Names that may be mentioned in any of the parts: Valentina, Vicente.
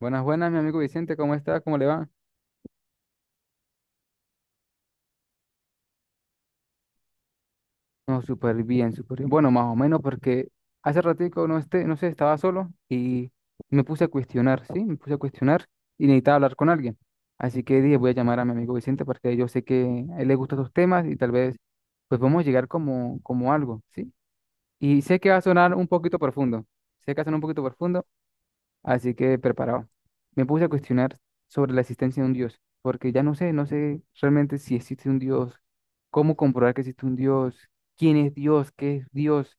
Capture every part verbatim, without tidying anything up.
Buenas, buenas, mi amigo Vicente, ¿cómo está? ¿Cómo le va? No, súper bien, súper bien. Bueno, más o menos porque hace ratico no esté, no sé, estaba solo y me puse a cuestionar, ¿sí? Me puse a cuestionar y necesitaba hablar con alguien. Así que dije, voy a llamar a mi amigo Vicente porque yo sé que a él le gustan estos temas y tal vez pues podemos llegar como, como algo, ¿sí? Y sé que va a sonar un poquito profundo, sé que va a sonar un poquito profundo. Así que preparado. Me puse a cuestionar sobre la existencia de un Dios, porque ya no sé, no sé realmente si existe un Dios, cómo comprobar que existe un Dios, quién es Dios, qué es Dios,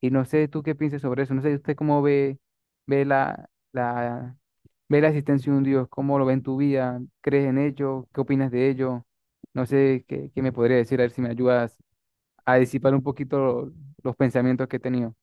y no sé tú qué piensas sobre eso, no sé usted cómo ve, ve la, la, ve la existencia de un Dios, cómo lo ve en tu vida, crees en ello, qué opinas de ello, no sé qué, qué me podría decir, a ver si me ayudas a disipar un poquito los pensamientos que he tenido.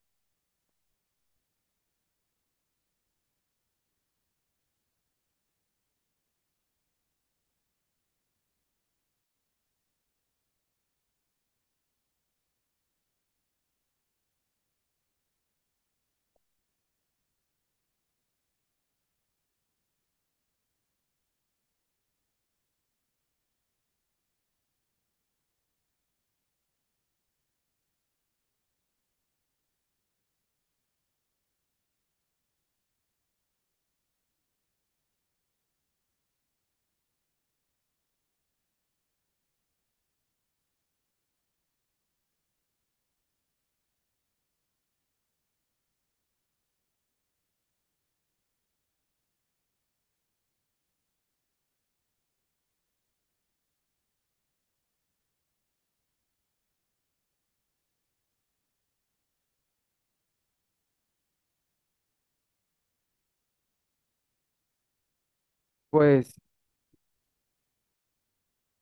Pues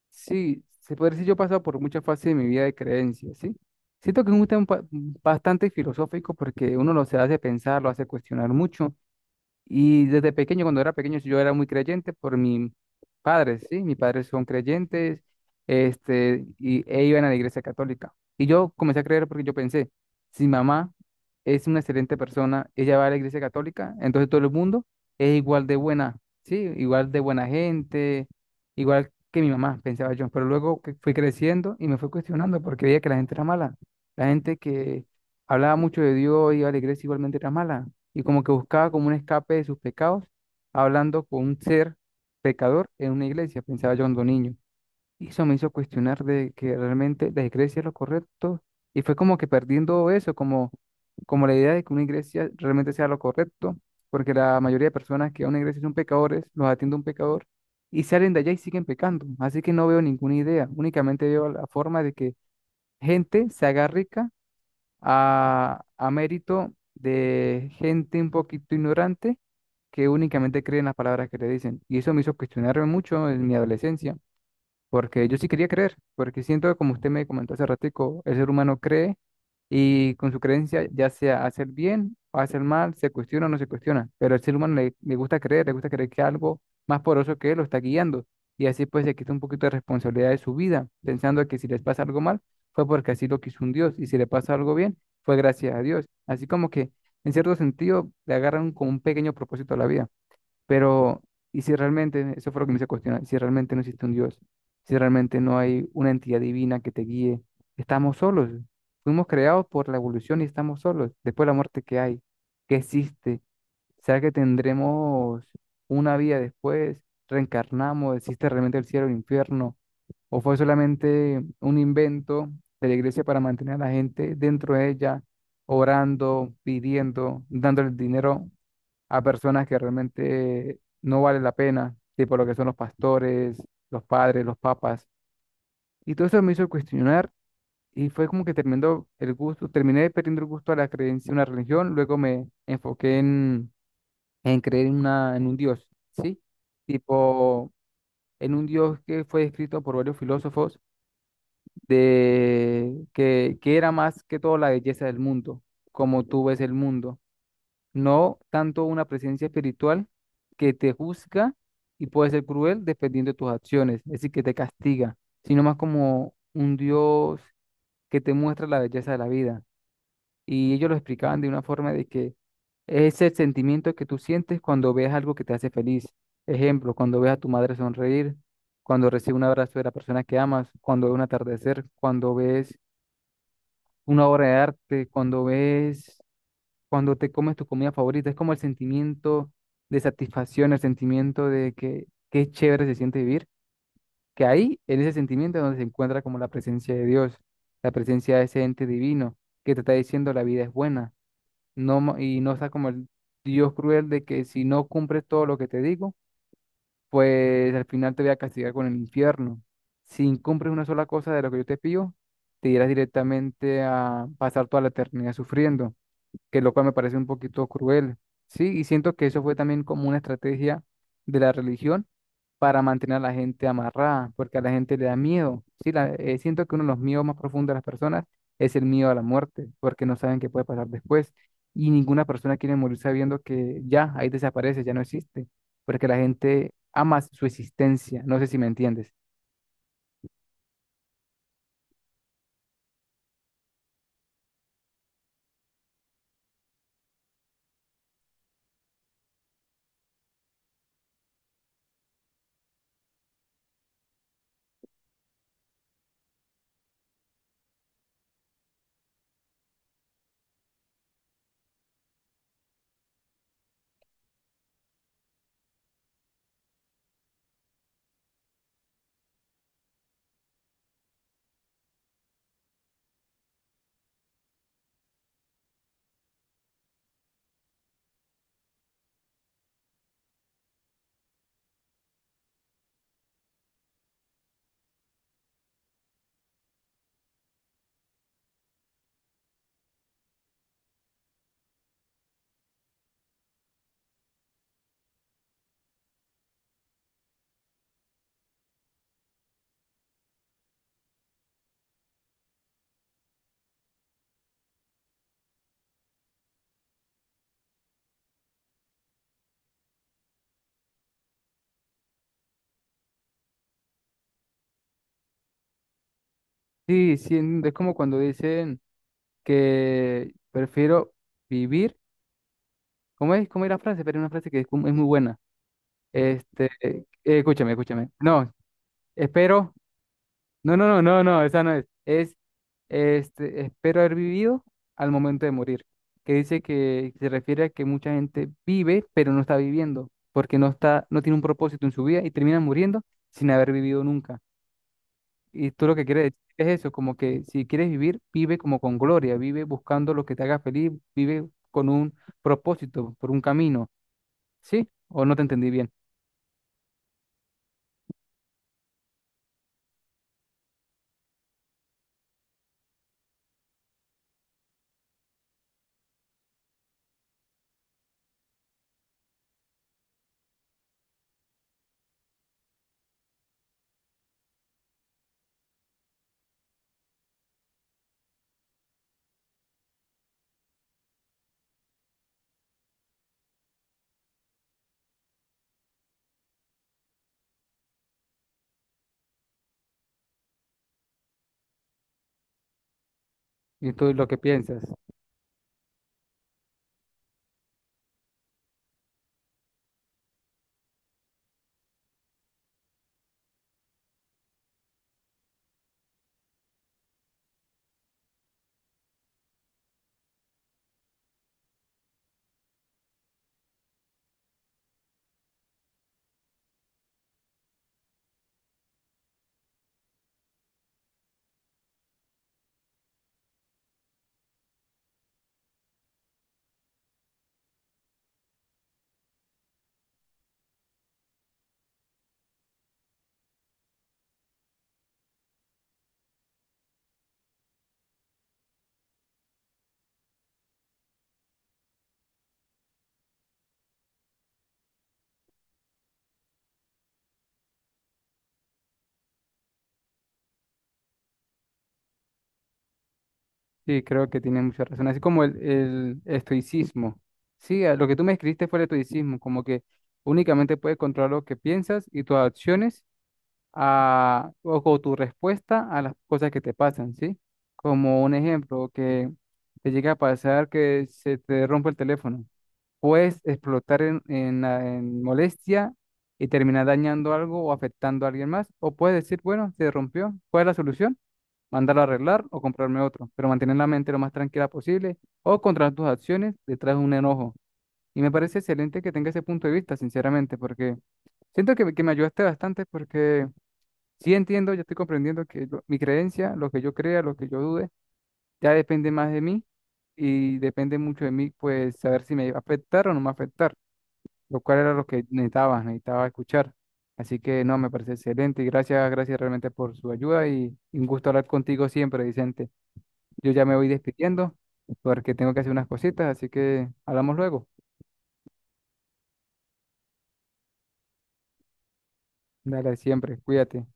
sí, se podría decir, yo he pasado por muchas fases de mi vida de creencias, ¿sí? Siento que es un tema ba- bastante filosófico porque uno lo se hace pensar, lo hace cuestionar mucho y desde pequeño, cuando era pequeño, yo era muy creyente por mis padres, ¿sí? Mis padres son creyentes, este, y, e iban a la iglesia católica. Y yo comencé a creer porque yo pensé, si mi mamá es una excelente persona, ella va a la iglesia católica, entonces todo el mundo es igual de buena, ¿sí? Igual de buena gente, igual que mi mamá, pensaba yo. Pero luego que fui creciendo y me fui cuestionando porque veía que la gente era mala. La gente que hablaba mucho de Dios, iba a la iglesia, igualmente era mala y como que buscaba como un escape de sus pecados, hablando con un ser pecador en una iglesia, pensaba yo cuando niño. Y eso me hizo cuestionar de que realmente la iglesia es lo correcto y fue como que perdiendo eso, como, como la idea de que una iglesia realmente sea lo correcto, porque la mayoría de personas que van a una iglesia son pecadores, los atiende un pecador y salen de allá y siguen pecando. Así que no veo ninguna idea, únicamente veo la forma de que gente se haga rica a, a mérito de gente un poquito ignorante que únicamente cree en las palabras que le dicen. Y eso me hizo cuestionarme mucho en mi adolescencia. Porque yo sí quería creer, porque siento que como usted me comentó hace ratico, el ser humano cree y con su creencia, ya sea hacer bien o hacer mal, se cuestiona o no se cuestiona, pero al ser humano le, le gusta creer, le gusta creer que algo más poderoso que él lo está guiando y así pues se quita un poquito de responsabilidad de su vida, pensando que si les pasa algo mal fue porque así lo quiso un Dios y si le pasa algo bien fue gracias a Dios. Así como que en cierto sentido le agarran como un pequeño propósito a la vida. Pero, ¿y si realmente, eso fue lo que me hizo cuestionar, si realmente no existe un Dios, si realmente no hay una entidad divina que te guíe, estamos solos, fuimos creados por la evolución y estamos solos, después de la muerte que hay, que existe, será que tendremos una vida después, reencarnamos, existe realmente el cielo o el infierno, o fue solamente un invento de la iglesia para mantener a la gente dentro de ella, orando, pidiendo, dándole dinero a personas que realmente no vale la pena, tipo lo que son los pastores, los padres, los papas? Y todo eso me hizo cuestionar y fue como que terminó el gusto, terminé perdiendo el gusto a la creencia en una religión, luego me enfoqué en, en creer en, una, en un Dios, ¿sí? Tipo, en un Dios que fue descrito por varios filósofos de que, que era más que todo la belleza del mundo, como tú ves el mundo, no tanto una presencia espiritual que te juzga y puede ser cruel dependiendo de tus acciones, es decir, que te castiga, sino más como un Dios que te muestra la belleza de la vida. Y ellos lo explicaban de una forma de que es el sentimiento que tú sientes cuando ves algo que te hace feliz. Ejemplo, cuando ves a tu madre sonreír, cuando recibes un abrazo de la persona que amas, cuando ves un atardecer, cuando ves una obra de arte, cuando ves cuando te comes tu comida favorita. Es como el sentimiento de satisfacción, el sentimiento de que qué chévere se siente vivir, que ahí, en ese sentimiento, es donde se encuentra como la presencia de Dios, la presencia de ese ente divino que te está diciendo la vida es buena, no, mo- y no está como el Dios cruel de que si no cumples todo lo que te digo, pues al final te voy a castigar con el infierno. Si incumples una sola cosa de lo que yo te pido, te irás directamente a pasar toda la eternidad sufriendo, que lo cual me parece un poquito cruel, ¿sí? Y siento que eso fue también como una estrategia de la religión para mantener a la gente amarrada, porque a la gente le da miedo, ¿sí? La- eh, siento que uno de los miedos más profundos de las personas es el miedo a la muerte, porque no saben qué puede pasar después, y ninguna persona quiere morir sabiendo que ya, ahí desaparece, ya no existe, porque la gente ama su existencia, no sé si me entiendes. Sí, sí, en- es como cuando dicen que prefiero vivir, ¿cómo es? ¿Cómo es la frase? Pero es una frase que es como- es muy buena. Este, eh, escúchame, escúchame. No, espero. No, no, no, no, no, esa no es. Es, este, Espero haber vivido al momento de morir. Que dice que se refiere a que mucha gente vive, pero no está viviendo, porque no está, no tiene un propósito en su vida y termina muriendo sin haber vivido nunca. Y tú lo que quieres decir es eso, como que si quieres vivir, vive como con gloria, vive buscando lo que te haga feliz, vive con un propósito, por un camino, ¿sí? ¿O no te entendí bien? Y tú lo que piensas. Sí, creo que tiene mucha razón. Así como el, el estoicismo. Sí, a lo que tú me escribiste fue el estoicismo, como que únicamente puedes controlar lo que piensas y tus acciones a, o, o tu respuesta a las cosas que te pasan, ¿sí? Como un ejemplo, que te llega a pasar que se te rompe el teléfono. Puedes explotar en, en la- en molestia y terminar dañando algo o afectando a alguien más. O puedes decir, bueno, se rompió, ¿cuál es la solución? Mandarlo a arreglar o comprarme otro, pero mantener la mente lo más tranquila posible o controlar tus acciones detrás de un enojo. Y me parece excelente que tenga ese punto de vista, sinceramente, porque siento que, que me ayudaste bastante porque sí entiendo, yo estoy comprendiendo que yo- mi creencia, lo que yo crea, lo que yo dude, ya depende más de mí y depende mucho de mí, pues saber si me va a afectar o no me va a afectar, lo cual era lo que necesitaba, necesitaba escuchar. Así que no, me parece excelente y gracias, gracias realmente por su ayuda y y un gusto hablar contigo siempre, Vicente. Yo ya me voy despidiendo porque tengo que hacer unas cositas, así que hablamos luego. Dale, siempre, cuídate.